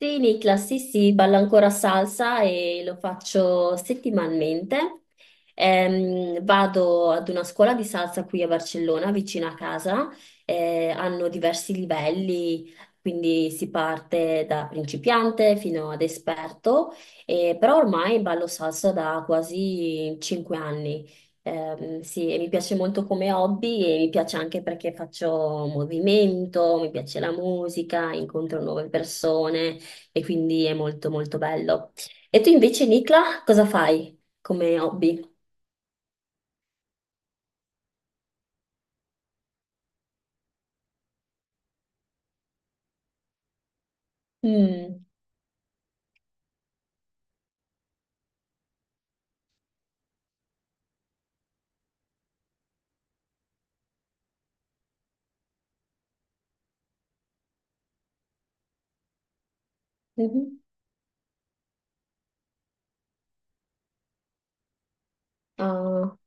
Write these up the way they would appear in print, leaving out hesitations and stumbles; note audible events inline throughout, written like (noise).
Sì, Niklas, sì, sì, ballo ancora salsa e lo faccio settimanalmente. Vado ad una scuola di salsa qui a Barcellona, vicino a casa. Hanno diversi livelli, quindi si parte da principiante fino ad esperto. Però ormai ballo salsa da quasi 5 anni. Sì, e mi piace molto come hobby e mi piace anche perché faccio movimento, mi piace la musica, incontro nuove persone e quindi è molto molto bello. E tu invece, Nicla, cosa fai come hobby? Mm. Mhm. Ah,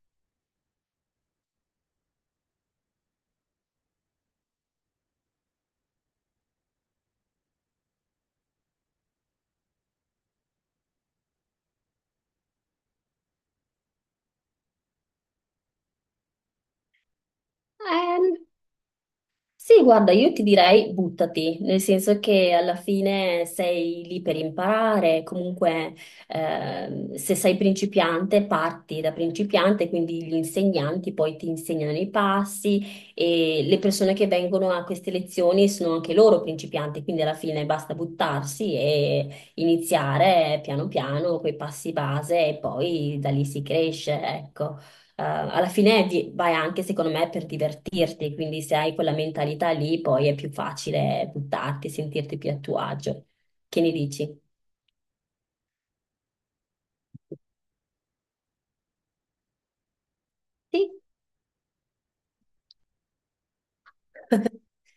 ehm, Sì, guarda, io ti direi buttati, nel senso che alla fine sei lì per imparare, comunque se sei principiante parti da principiante, quindi gli insegnanti poi ti insegnano i passi e le persone che vengono a queste lezioni sono anche loro principianti, quindi alla fine basta buttarsi e iniziare piano piano quei passi base e poi da lì si cresce, ecco. Alla fine vai anche, secondo me, per divertirti, quindi se hai quella mentalità lì, poi è più facile buttarti, sentirti più a tuo agio. Che ne dici? Sì. (laughs)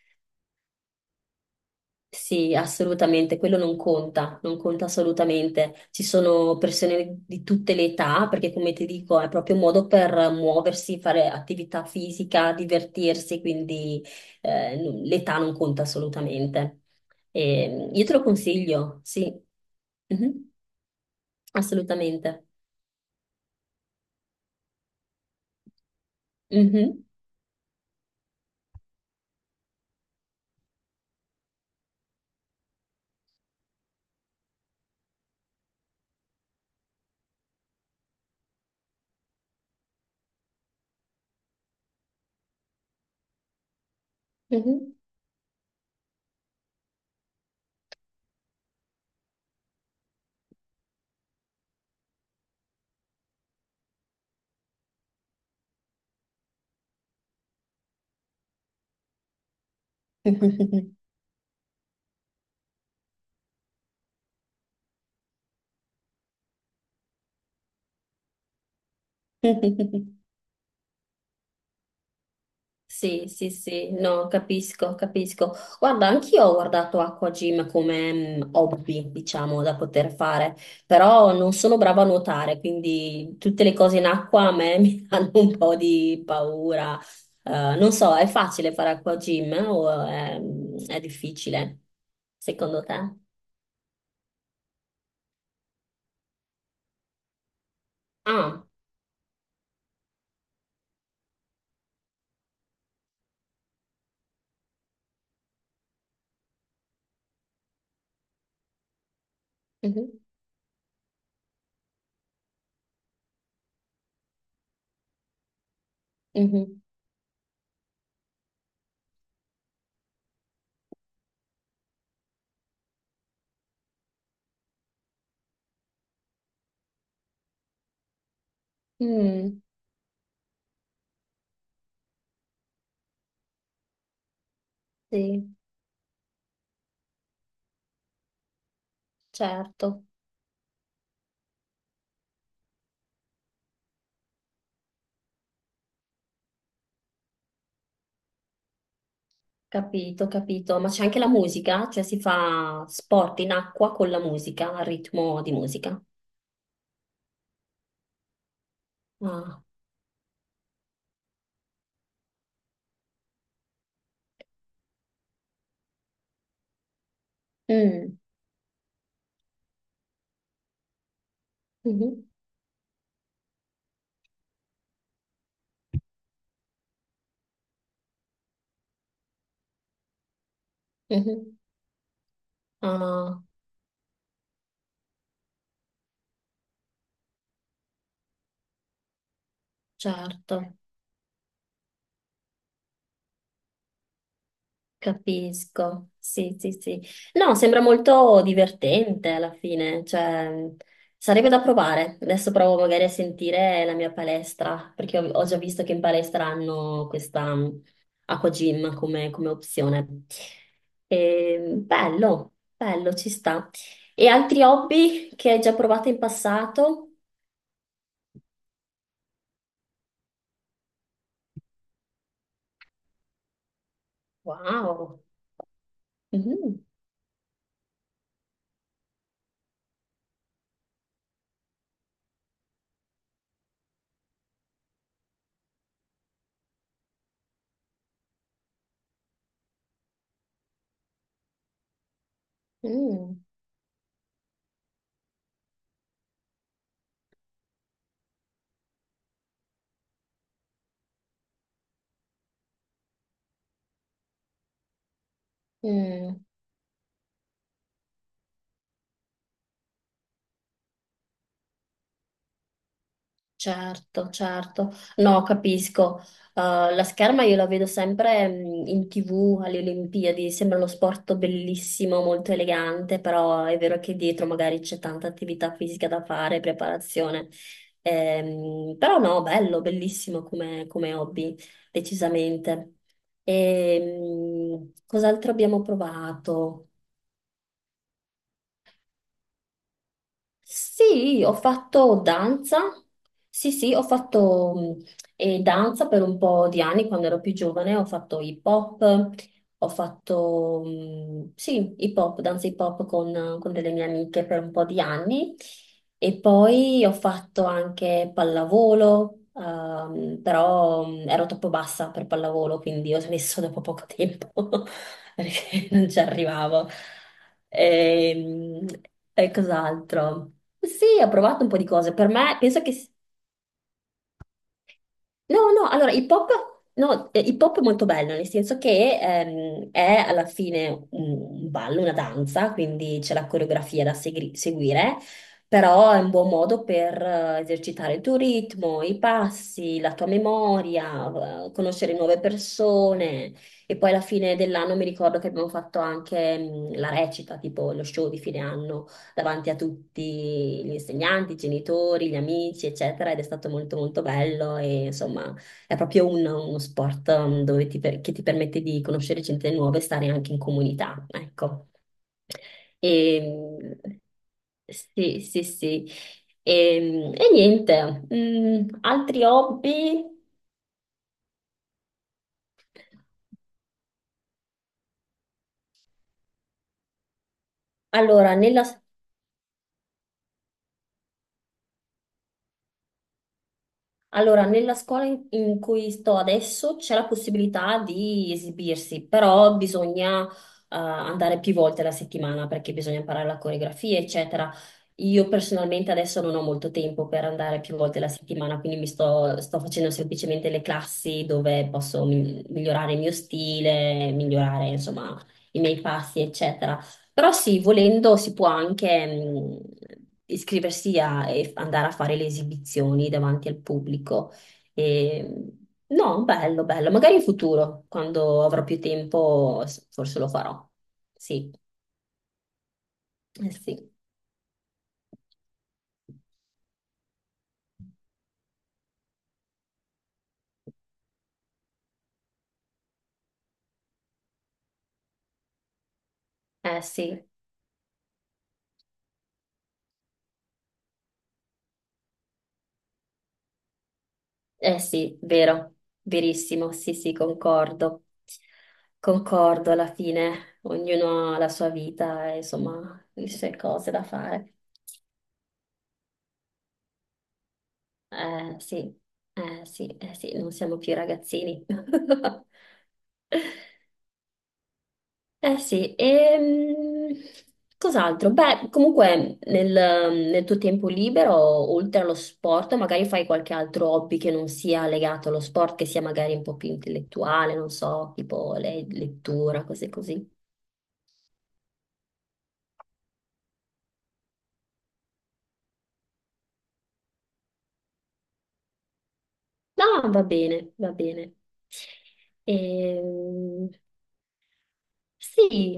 Sì, assolutamente, quello non conta, non conta assolutamente. Ci sono persone di tutte le età, perché come ti dico, è proprio un modo per muoversi, fare attività fisica, divertirsi, quindi l'età non conta assolutamente. E, io te lo consiglio, sì. Mhm. Assolutamente. Mhm, mhm. (laughs) Sì, sì, sì, no, capisco, capisco. Guarda, anch'io ho guardato acquagym come hobby, diciamo, da poter fare, però non sono brava a nuotare, quindi tutte le cose in acqua a me (laughs) mi danno un po' di paura. Non so, è facile fare acquagym o è difficile, secondo te? Ah, mhm, mhm. Mm, sì, certo. Capito, capito. Ma c'è anche la musica? Cioè si fa sport in acqua con la musica, al ritmo di musica. Ah. Mm. Mhm, mhm. Ah, certo. Capisco, sì, sì, sì. No, sembra molto divertente alla fine, cioè sarebbe da provare. Adesso provo magari a sentire la mia palestra, perché ho già visto che in palestra hanno questa acqua gym come opzione. E, bello, bello, ci sta. E altri hobby che hai già provato in passato? Wow. Mhm, mm, mm. Certo, certo. No, capisco. La scherma io la vedo sempre in TV alle Olimpiadi, sembra uno sport bellissimo, molto elegante, però è vero che dietro magari c'è tanta attività fisica da fare, preparazione. Però no, bello, bellissimo come, come hobby, decisamente. E, cos'altro abbiamo provato? Sì, ho fatto danza. Sì, sì, ho fatto mh, danza per un po' di anni quando ero più giovane. Ho fatto hip hop, ho fatto sì, hip hop, danza hip hop con delle mie amiche per un po' di anni. E poi ho fatto anche pallavolo, però ero troppo bassa per pallavolo, quindi ho smesso dopo poco tempo (laughs) perché non ci arrivavo. Ehm, E, cos'altro? Sì, ho provato un po' di cose. Per me, penso che... No, no, allora, hip hop, no, hip hop è molto bello, nel senso che è alla fine un ballo, una danza, quindi c'è la coreografia da seguire, però è un buon modo per esercitare il tuo ritmo, i passi, la tua memoria, conoscere nuove persone. E poi alla fine dell'anno mi ricordo che abbiamo fatto anche la recita, tipo lo show di fine anno davanti a tutti gli insegnanti, i genitori, gli amici, eccetera, ed è stato molto molto bello e insomma è proprio uno sport dove che ti permette di conoscere gente nuova e stare anche in comunità, ecco. E, sì, sì, sì. E niente, altri hobby? Allora, nella, Allora, nella scuola in cui sto adesso c'è la possibilità di esibirsi, però bisogna andare più volte la settimana perché bisogna imparare la coreografia, eccetera. Io personalmente adesso non ho molto tempo per andare più volte la settimana, quindi mi sto facendo semplicemente le classi dove posso migliorare il mio stile, migliorare, insomma, i miei passi, eccetera. Però sì, volendo si può anche iscriversi e andare a fare le esibizioni davanti al pubblico. E, no, bello, bello. Magari in futuro, quando avrò più tempo, forse lo farò. Sì, eh sì, eh sì, eh sì, vero, verissimo, sì, sì, concordo. Concordo alla fine, ognuno ha la sua vita, e, insomma, le sue cose da fare. Eh sì, eh sì, eh sì, non siamo più ragazzini. (laughs) Eh sì, e cos'altro? Beh, comunque nel tuo tempo libero, oltre allo sport, magari fai qualche altro hobby che non sia legato allo sport, che sia magari un po' più intellettuale, non so, tipo lettura, cose così. No, va bene, va bene. Ehm, sì.